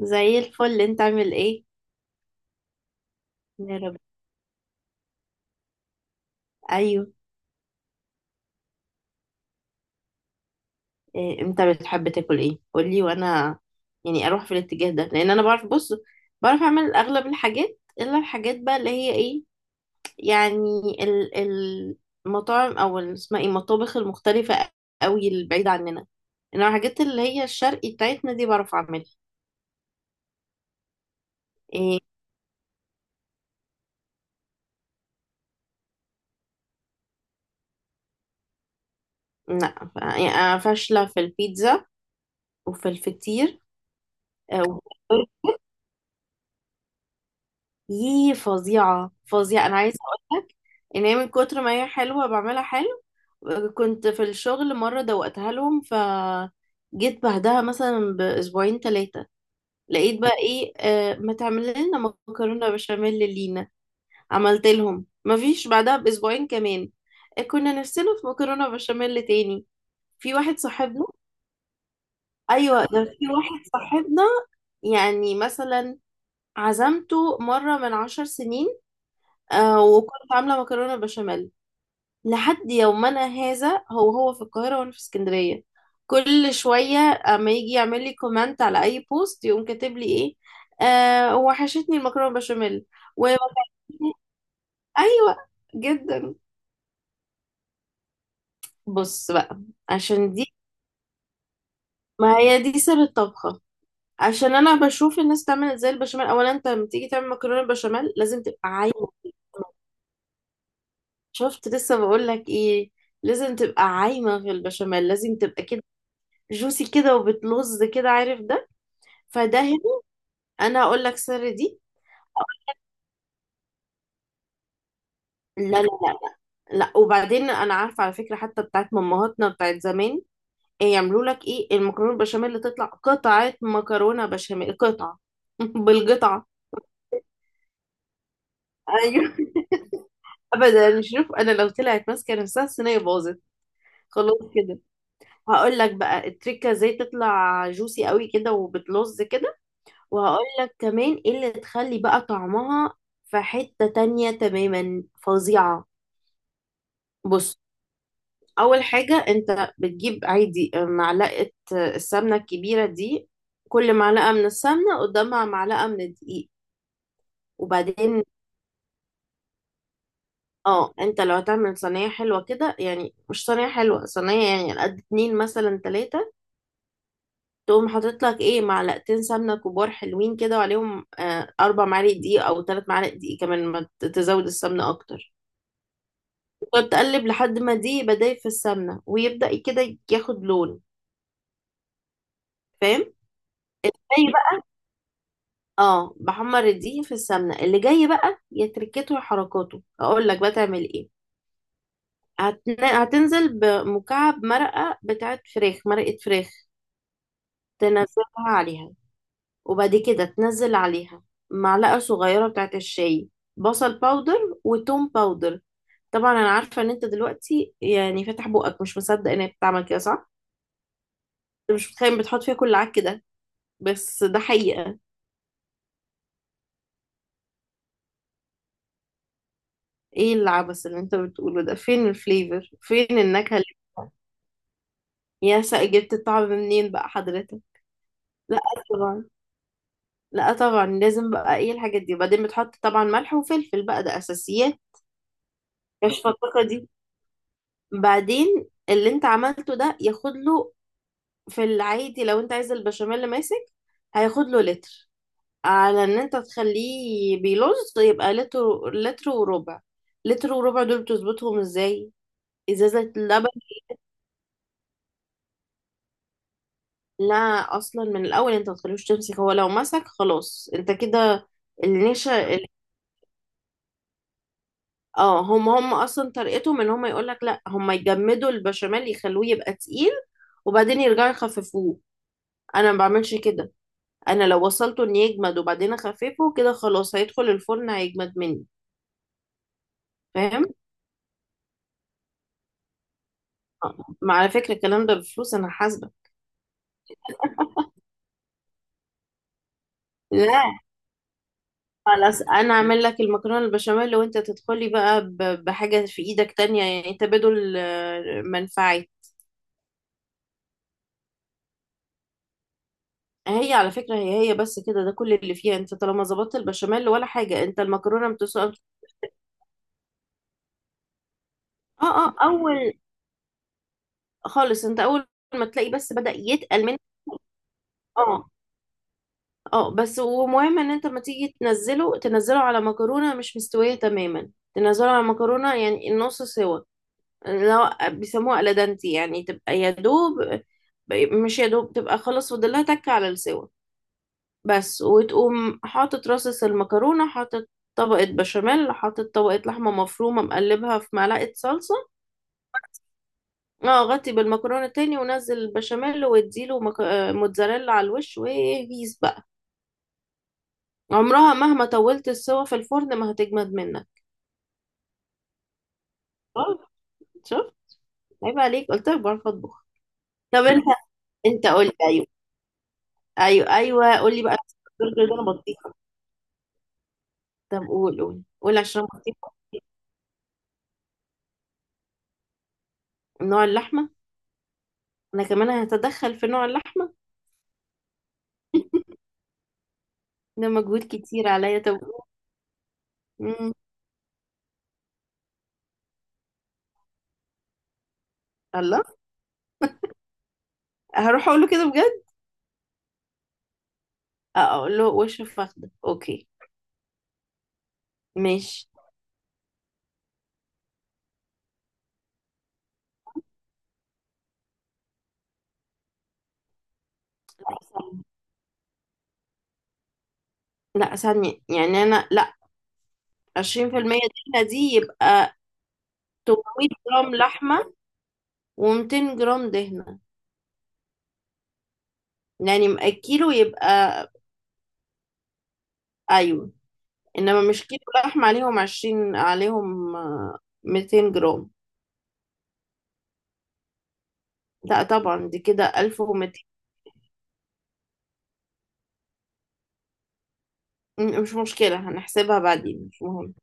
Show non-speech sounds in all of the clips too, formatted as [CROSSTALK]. زي الفل، انت عامل ايه؟ يا رب. ايوه. إيه انت بتحب تاكل ايه؟ قولي وانا يعني اروح في الاتجاه ده، لان انا بعرف. بص، بعرف اعمل اغلب الحاجات الا الحاجات بقى اللي هي ايه يعني ال- ال- المطاعم او اسمها ايه، المطابخ المختلفة قوي البعيدة عننا. انما الحاجات اللي هي الشرقي بتاعتنا دي بعرف اعملها. إيه، لا يعني انا فاشلة في البيتزا وفي الفطير. اه، يي، فظيعة فظيعة. أنا عايزة أقولك إن هي من كتر ما هي حلوة بعملها حلو. كنت في الشغل مرة دوقتها لهم، فجيت بعدها مثلا بأسبوعين ثلاثة لقيت بقى إيه، آه ما تعمل لنا مكرونة بشاميل لينا. عملت لهم، مفيش بعدها بأسبوعين كمان آه، كنا نفسنا في مكرونة بشاميل تاني. في واحد صاحبنا، أيوة ده في واحد صاحبنا، يعني مثلا عزمته مرة من 10 سنين، آه وكنت عاملة مكرونة بشاميل. لحد يومنا هذا، هو هو في القاهرة وانا في اسكندرية، كل شوية اما يجي يعمل لي كومنت على اي بوست يقوم كاتب لي ايه، آه وحشتني المكرونة بشاميل. و... ايوه، جدا. بص بقى، عشان دي، ما هي دي سر الطبخة، عشان انا بشوف الناس تعمل ازاي البشاميل. اولا، انت لما تيجي تعمل مكرونة بشاميل لازم تبقى عايمة. شفت؟ لسه بقول لك ايه، لازم تبقى عايمة في البشاميل، لازم تبقى كده جوسي كده وبتلز كده، عارف ده؟ فده هنا انا اقول لك سر دي. لا لا لا، لا لا، وبعدين انا عارفه على فكره، حتى بتاعت مامهاتنا بتاعت زمان إيه؟ يعملوا لك ايه المكرونه البشاميل اللي تطلع قطعه مكرونه بشاميل قطعه؟ [LAUGHS] بالقطعه. ايوه. ابدا، شوف، انا لو طلعت ماسكه نفسها الصينيه باظت، خلاص كده. هقول لك بقى التريكه ازاي تطلع جوسي قوي كده وبتلظ كده، وهقول لك كمان ايه اللي تخلي بقى طعمها في حته تانية تماما، فظيعه. بص، اول حاجة انت بتجيب عادي آه، معلقة آه، السمنة الكبيرة دي. كل معلقة من السمنة قدامها معلقة من الدقيق. وبعدين، اه انت لو هتعمل صينية حلوة كده، يعني مش صينية حلوة، صينية يعني على قد اتنين مثلا تلاتة، تقوم حاطط لك ايه معلقتين سمنة كبار حلوين كده، وعليهم آه اربع معالق دقيق او تلات معالق دقيق. كمان ما تزود السمنة اكتر. وتقلب لحد ما دي بداية في السمنة ويبدأ كده ياخد لون. فاهم؟ اه، بحمر الدقيق في السمنة. اللي جاي بقى يا تركته يا حركاته، اقول لك بقى تعمل ايه. هتنزل بمكعب مرقة بتاعت فراخ، مرقة فراخ، تنزلها عليها. وبعد كده تنزل عليها معلقة صغيرة بتاعت الشاي بصل باودر وتوم باودر. طبعا انا عارفة ان انت دلوقتي يعني فاتح بقك مش مصدق ان هي بتعمل كده، صح؟ انت مش متخيل بتحط فيها كل عك ده، بس ده حقيقة. ايه العبث اللي انت بتقوله ده؟ فين الفليفر؟ فين النكهة؟ يا سا جبت الطعم منين بقى حضرتك؟ لا طبعا، لا طبعا، لازم بقى ايه الحاجات دي. وبعدين بتحط طبعا ملح وفلفل بقى، ده اساسيات. كشف الطاقه دي. بعدين اللي انت عملته ده ياخد له، في العادي لو انت عايز البشاميل اللي ماسك هياخد له لتر. على ان انت تخليه بيلوز يبقى لتر لتر وربع. لتر وربع دول بتظبطهم ازاي؟ ازازه اللبن. لا، اصلا من الاول انت ما تخليهوش تمسك. هو لو مسك خلاص انت كده. النشا. اه، هم هم اصلا طريقتهم ان هم يقول لك لا، هم يجمدوا البشاميل يخلوه يبقى تقيل، وبعدين يرجعوا يخففوه. انا ما بعملش كده. انا لو وصلته ان يجمد وبعدين اخففه كده، خلاص هيدخل الفرن هيجمد مني. فاهم؟ ما على فكره الكلام ده بفلوس، انا حاسبه. لا، خلاص انا اعمل لك المكرونه البشاميل وانت تدخلي بقى بحاجه في ايدك تانية، يعني تبادل آه، منفعي. هي على فكرة هي هي بس كده، ده كل اللي فيها. انت طالما ظبطت البشاميل ولا حاجة، انت المكرونة. اه اه، اول خالص، انت اول ما تلاقي بس بدأ يتقل منك. اه اه، بس ومهم ان انت لما تيجي تنزله تنزله على مكرونة مش مستوية تماما. تنزله على مكرونة يعني النص سوا، اللي هو بيسموها الادانتي، يعني تبقى يا دوب. مش يا دوب، تبقى خلاص فاضل لها تكة على السوا بس. وتقوم حاطط رصص المكرونة، حاطط طبقة بشاميل، حاطط طبقة لحمة مفرومة مقلبها في معلقة صلصة. اه، غطي بالمكرونة تاني ونزل البشاميل واديله مك... آه، موتزاريلا على الوش وهيس بقى. عمرها مهما طولت السوا في الفرن ما هتجمد منك. اه، شوف، عيب عليك، قلت لك بعرف اطبخ. طب انت، انت قلت ايوه. ايوه ايوه، قول لي بقى. البرجر ده انا بطيخه. طب قول قول قول، عشان بطيخه. نوع اللحمه، انا كمان هتدخل في نوع اللحمه. ده مجهود كتير عليا. طب، امم الله، هروح اقول له كده بجد. اه اقول له وش فخده. اوكي، ماشي. لا ثانية، يعني أنا لا، 20% دهنة دي يبقى 800 جرام لحمة و200 جرام دهنة. يعني الكيلو يبقى أيوة. إنما مش كيلو لحمة عليهم 20%، عليهم آه، 200 جرام. لا طبعا، دي كده 1200. مش مشكلة، هنحسبها بعدين مش مهم.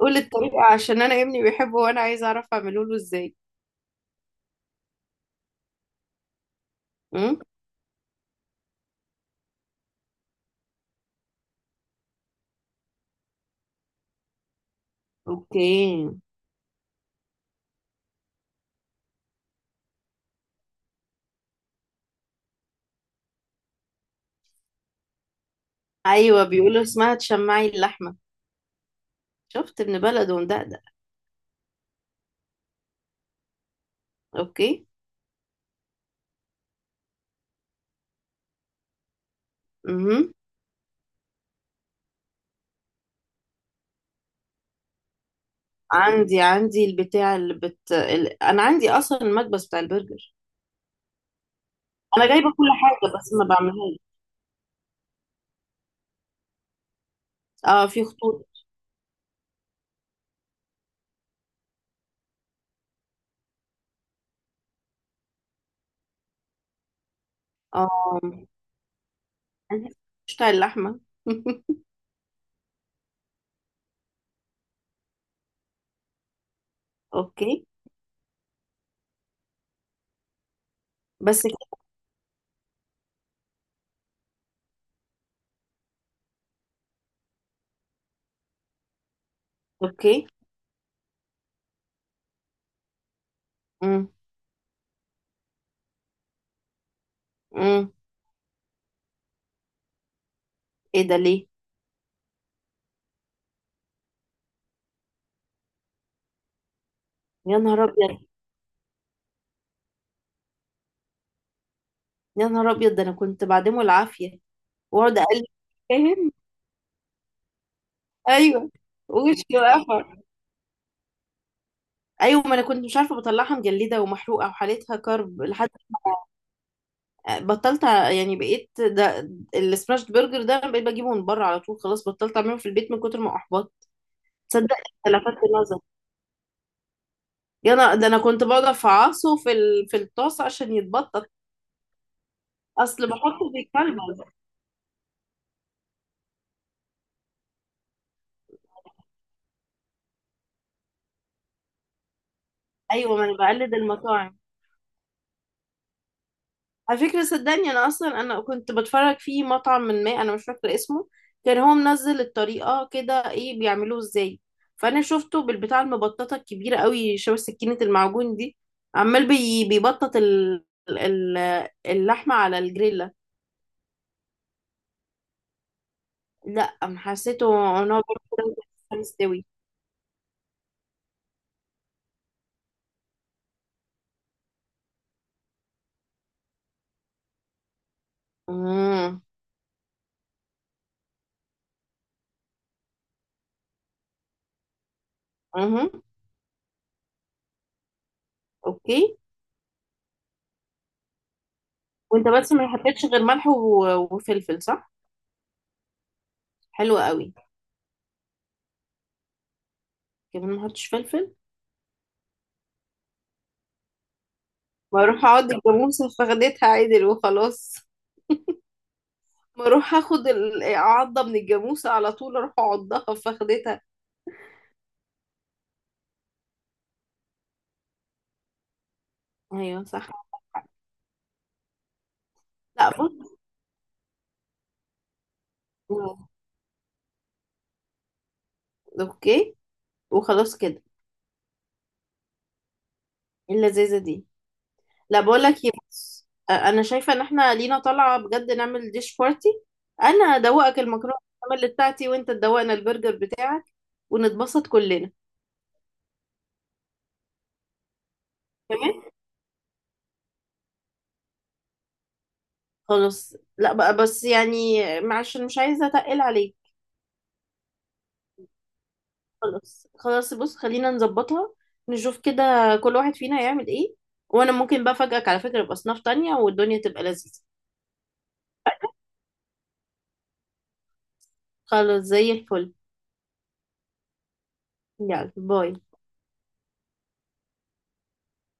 قول الطريقة عشان أنا ابني بيحبه وأنا عايزة أعرف أعمله له إزاي. أم؟ أوكي. أيوة بيقولوا اسمها تشمعي اللحمة. شفت؟ ابن بلد ومدقدق. أوكي. عندي البتاع انا عندي اصلا المكبس بتاع البرجر. انا جايبه كل حاجه بس ما بعملهاش. اه في خطوط. اه مش بتاع اللحمه. [LAUGHS] اوكي بس كده. اوكي. امم امم ايه ده ليه؟ يا نهار ابيض. يا نهار ابيض، ده انا كنت بعدمه العافيه. واقعد اقلب. فاهم؟ ايوه، وش وقفه. ايوه ما انا كنت مش عارفه، بطلعها مجلده ومحروقه وحالتها كرب، لحد يعني بقيت ده السماش برجر ده، بقيت بجيبه من بره على طول، خلاص بطلت اعمله في البيت من كتر ما احبطت. تصدق، انت لفتت نظر. يا انا ده، انا كنت بقعد افعصه في في الطاسه عشان يتبطط. اصل بحطه بيكلبز. ايوه ما انا بقلد المطاعم. على فكرة صدقني أنا أصلا أنا كنت بتفرج في مطعم من، ما أنا مش فاكرة اسمه، كان هو منزل الطريقة كده إيه بيعملوه إزاي. فأنا شفته بالبتاع المبططة الكبيرة قوي شبه سكينة المعجون دي عمال بي بيبطط ال... اللحمة على الجريلة. لأ أم، حسيته إن هو بيعمل كده وهي لسه مستوي. أمم، أمم، أوكي. وأنت بس ما حطيتش غير ملح و... وفلفل، صح؟ حلو قوي. كمان ما حطيتش فلفل. ما اروح اقعد الجاموسه فخدتها عدل وخلاص. ما اروح اخد عضه من الجاموسه على طول، اروح اعضها فخدتها. ايوه صح. لا بص، اوكي، وخلاص كده. إيه اللذيذه دي؟ لا بقول لك ايه، بص، انا شايفه ان احنا لينا طالعه بجد، نعمل ديش بارتي. انا ادوقك المكرونه البشاميل بتاعتي، وانت تدوقنا البرجر بتاعك، ونتبسط كلنا. تمام. خلاص لا بقى، بس يعني معلش أنا مش عايزه اتقل عليك. خلاص خلاص، بص خلينا نظبطها، نشوف كده كل واحد فينا يعمل ايه. وانا ممكن بقى افاجئك على فكرة باصناف تانية والدنيا تبقى لذيذة. خلاص زي الفل. يلا باي.